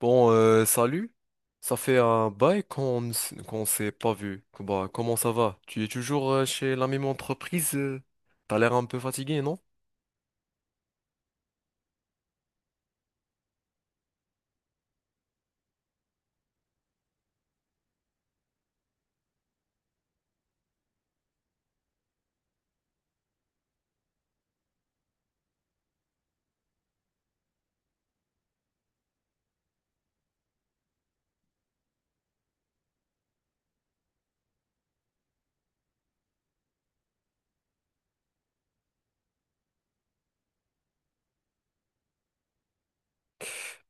Bon, salut. Ça fait un bail qu'on s'est pas vu. Bah, comment ça va? Tu es toujours chez la même entreprise? T'as l'air un peu fatigué, non?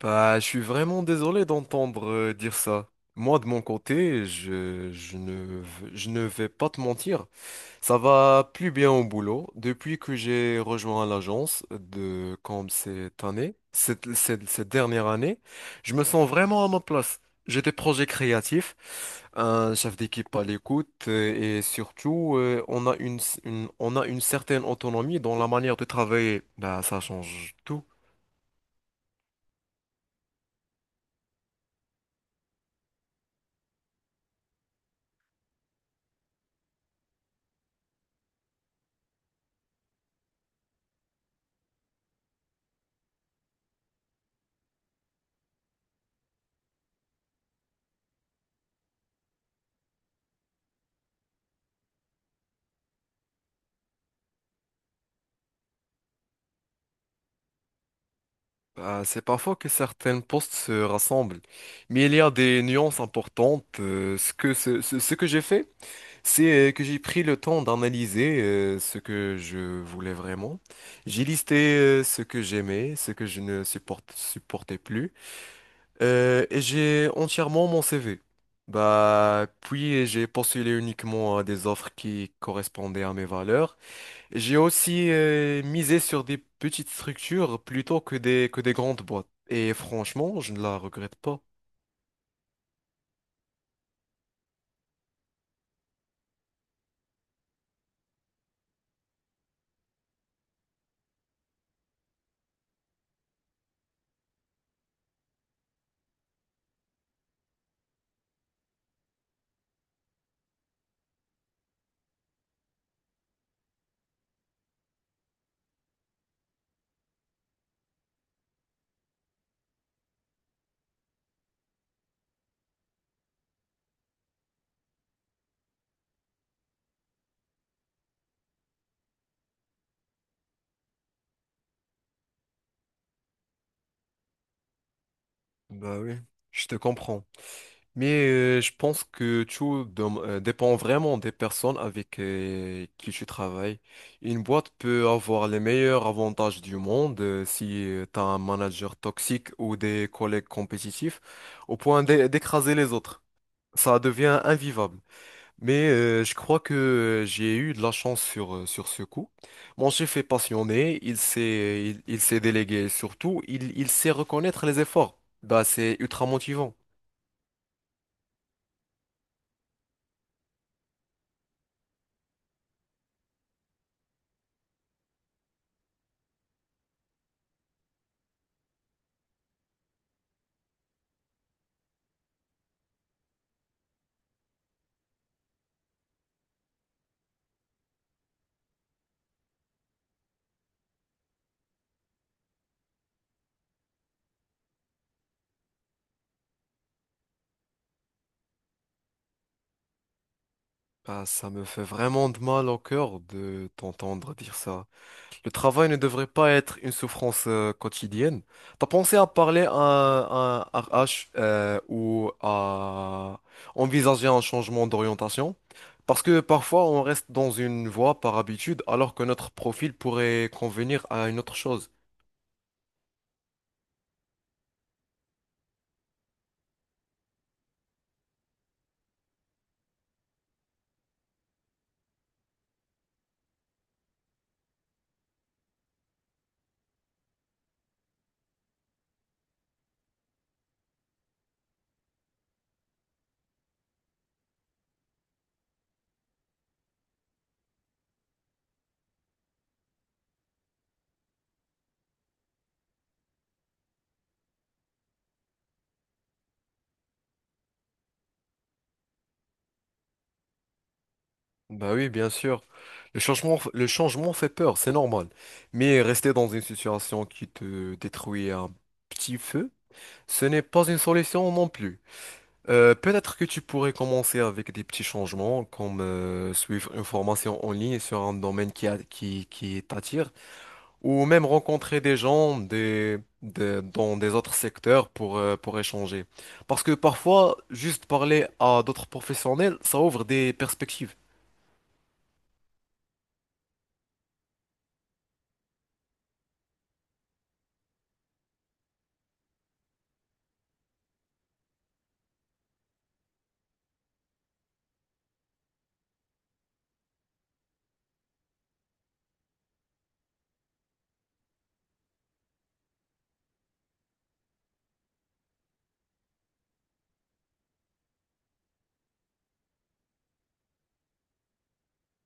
Bah, je suis vraiment désolé d'entendre dire ça. Moi, de mon côté, je ne, v- je ne vais pas te mentir. Ça va plus bien au boulot. Depuis que j'ai rejoint l'agence de comme cette année, cette dernière année, je me sens vraiment à ma place. J'ai des projets créatifs, un chef d'équipe à l'écoute et surtout, on a on a une certaine autonomie dans la manière de travailler. Bah, ça change tout. Bah, c'est parfois que certains postes se rassemblent, mais il y a des nuances importantes. Ce ce que j'ai fait. C'est que j'ai pris le temps d'analyser ce que je voulais vraiment. J'ai listé ce que j'aimais, ce que je ne supporte- supportais plus, et j'ai entièrement mon CV. Bah, puis j'ai postulé uniquement à des offres qui correspondaient à mes valeurs. J'ai aussi misé sur des petites structures plutôt que des grandes boîtes. Et franchement, je ne la regrette pas. Bah oui, je te comprends. Mais je pense que dépend vraiment des personnes avec qui tu travailles. Une boîte peut avoir les meilleurs avantages du monde si tu as un manager toxique ou des collègues compétitifs au point d'écraser les autres. Ça devient invivable. Mais je crois que j'ai eu de la chance sur ce coup. Mon chef est passionné, il sait déléguer et surtout, il sait reconnaître les efforts. Bah, c'est ultra motivant. Bah, ça me fait vraiment de mal au cœur de t'entendre dire ça. Le travail ne devrait pas être une souffrance quotidienne. T'as pensé à parler à un RH ou à envisager un changement d'orientation? Parce que parfois on reste dans une voie par habitude alors que notre profil pourrait convenir à une autre chose. Bah oui, bien sûr. Le changement fait peur, c'est normal. Mais rester dans une situation qui te détruit un petit peu, ce n'est pas une solution non plus. Peut-être que tu pourrais commencer avec des petits changements, comme suivre une formation en ligne sur un domaine qui t'attire, ou même rencontrer des gens dans des autres secteurs pour échanger. Parce que parfois, juste parler à d'autres professionnels, ça ouvre des perspectives.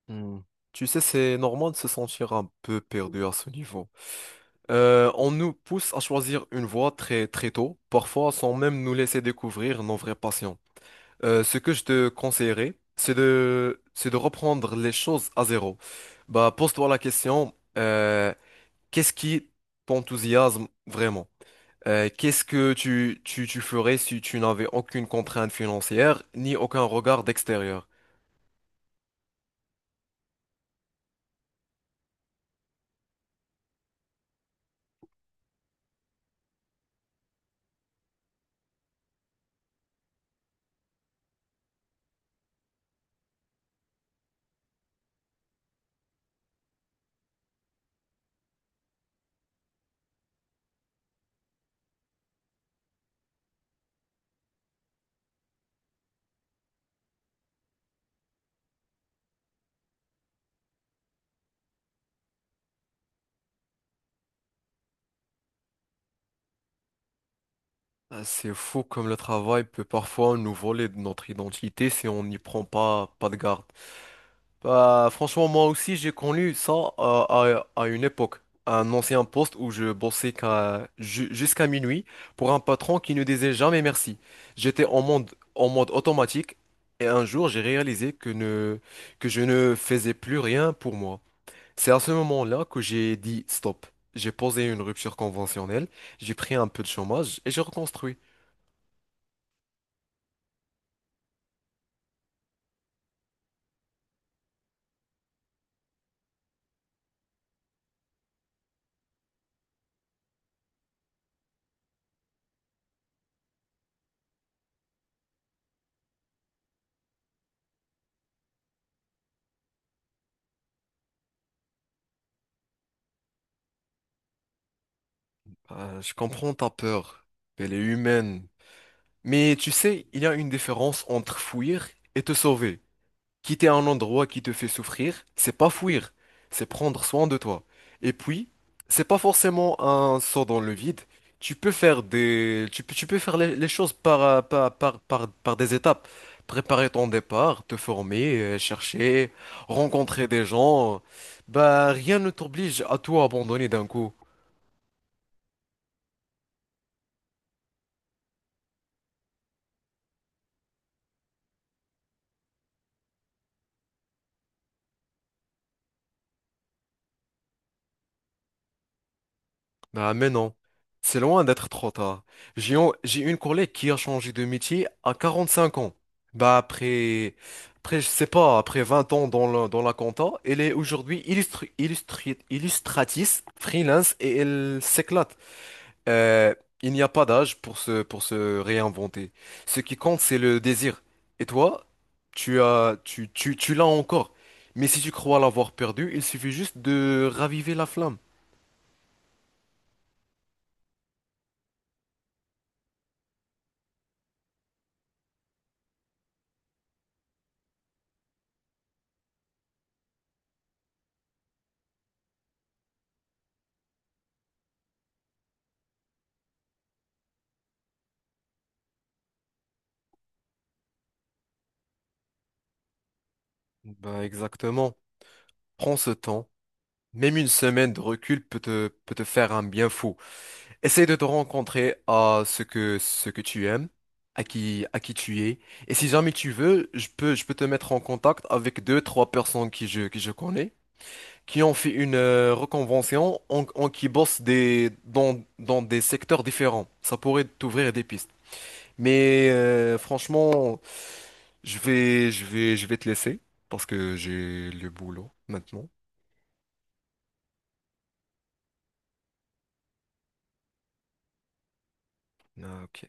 Hmm. Tu sais, c'est normal de se sentir un peu perdu à ce niveau. On nous pousse à choisir une voie très très tôt, parfois sans même nous laisser découvrir nos vraies passions. Ce que je te conseillerais, c'est de reprendre les choses à zéro. Bah, pose-toi la question, qu'est-ce qui t'enthousiasme vraiment? Qu'est-ce que tu ferais si tu n'avais aucune contrainte financière ni aucun regard d'extérieur? Ah, c'est fou comme le travail peut parfois nous voler de notre identité si on n'y prend pas de garde. Bah, franchement, moi aussi, j'ai connu ça à une époque. Un ancien poste où je bossais jusqu'à minuit pour un patron qui ne disait jamais merci. J'étais en mode automatique et un jour, j'ai réalisé que je ne faisais plus rien pour moi. C'est à ce moment-là que j'ai dit stop. J'ai posé une rupture conventionnelle, j'ai pris un peu de chômage et j'ai reconstruit. Ah, je comprends ta peur. Elle est humaine. Mais tu sais, il y a une différence entre fuir et te sauver. Quitter un endroit qui te fait souffrir, c'est pas fuir, c'est prendre soin de toi. Et puis, c'est pas forcément un saut dans le vide. Tu peux faire les choses par des étapes. Préparer ton départ, te former, chercher, rencontrer des gens. Bah, rien ne t'oblige à tout abandonner d'un coup. Ah, mais non, c'est loin d'être trop tard. J'ai une collègue qui a changé de métier à 45 ans. Bah après, après je sais pas, après 20 ans dans dans la compta, elle est aujourd'hui illustratrice, freelance et elle s'éclate. Euh, il n'y a pas d'âge pour pour se réinventer. Ce qui compte, c'est le désir. Et toi, tu l'as encore. Mais si tu crois l'avoir perdu, il suffit juste de raviver la flamme. Bah exactement. Prends ce temps, même une semaine de recul peut peut te faire un bien fou. Essaye de te rencontrer à ce que tu aimes, à à qui tu es. Et si jamais tu veux, je peux te mettre en contact avec deux, trois personnes qui je connais, qui ont fait une reconvention, qui bossent dans des secteurs différents. Ça pourrait t'ouvrir des pistes. Mais franchement, je vais te laisser parce que j'ai le boulot maintenant. Ah, ok.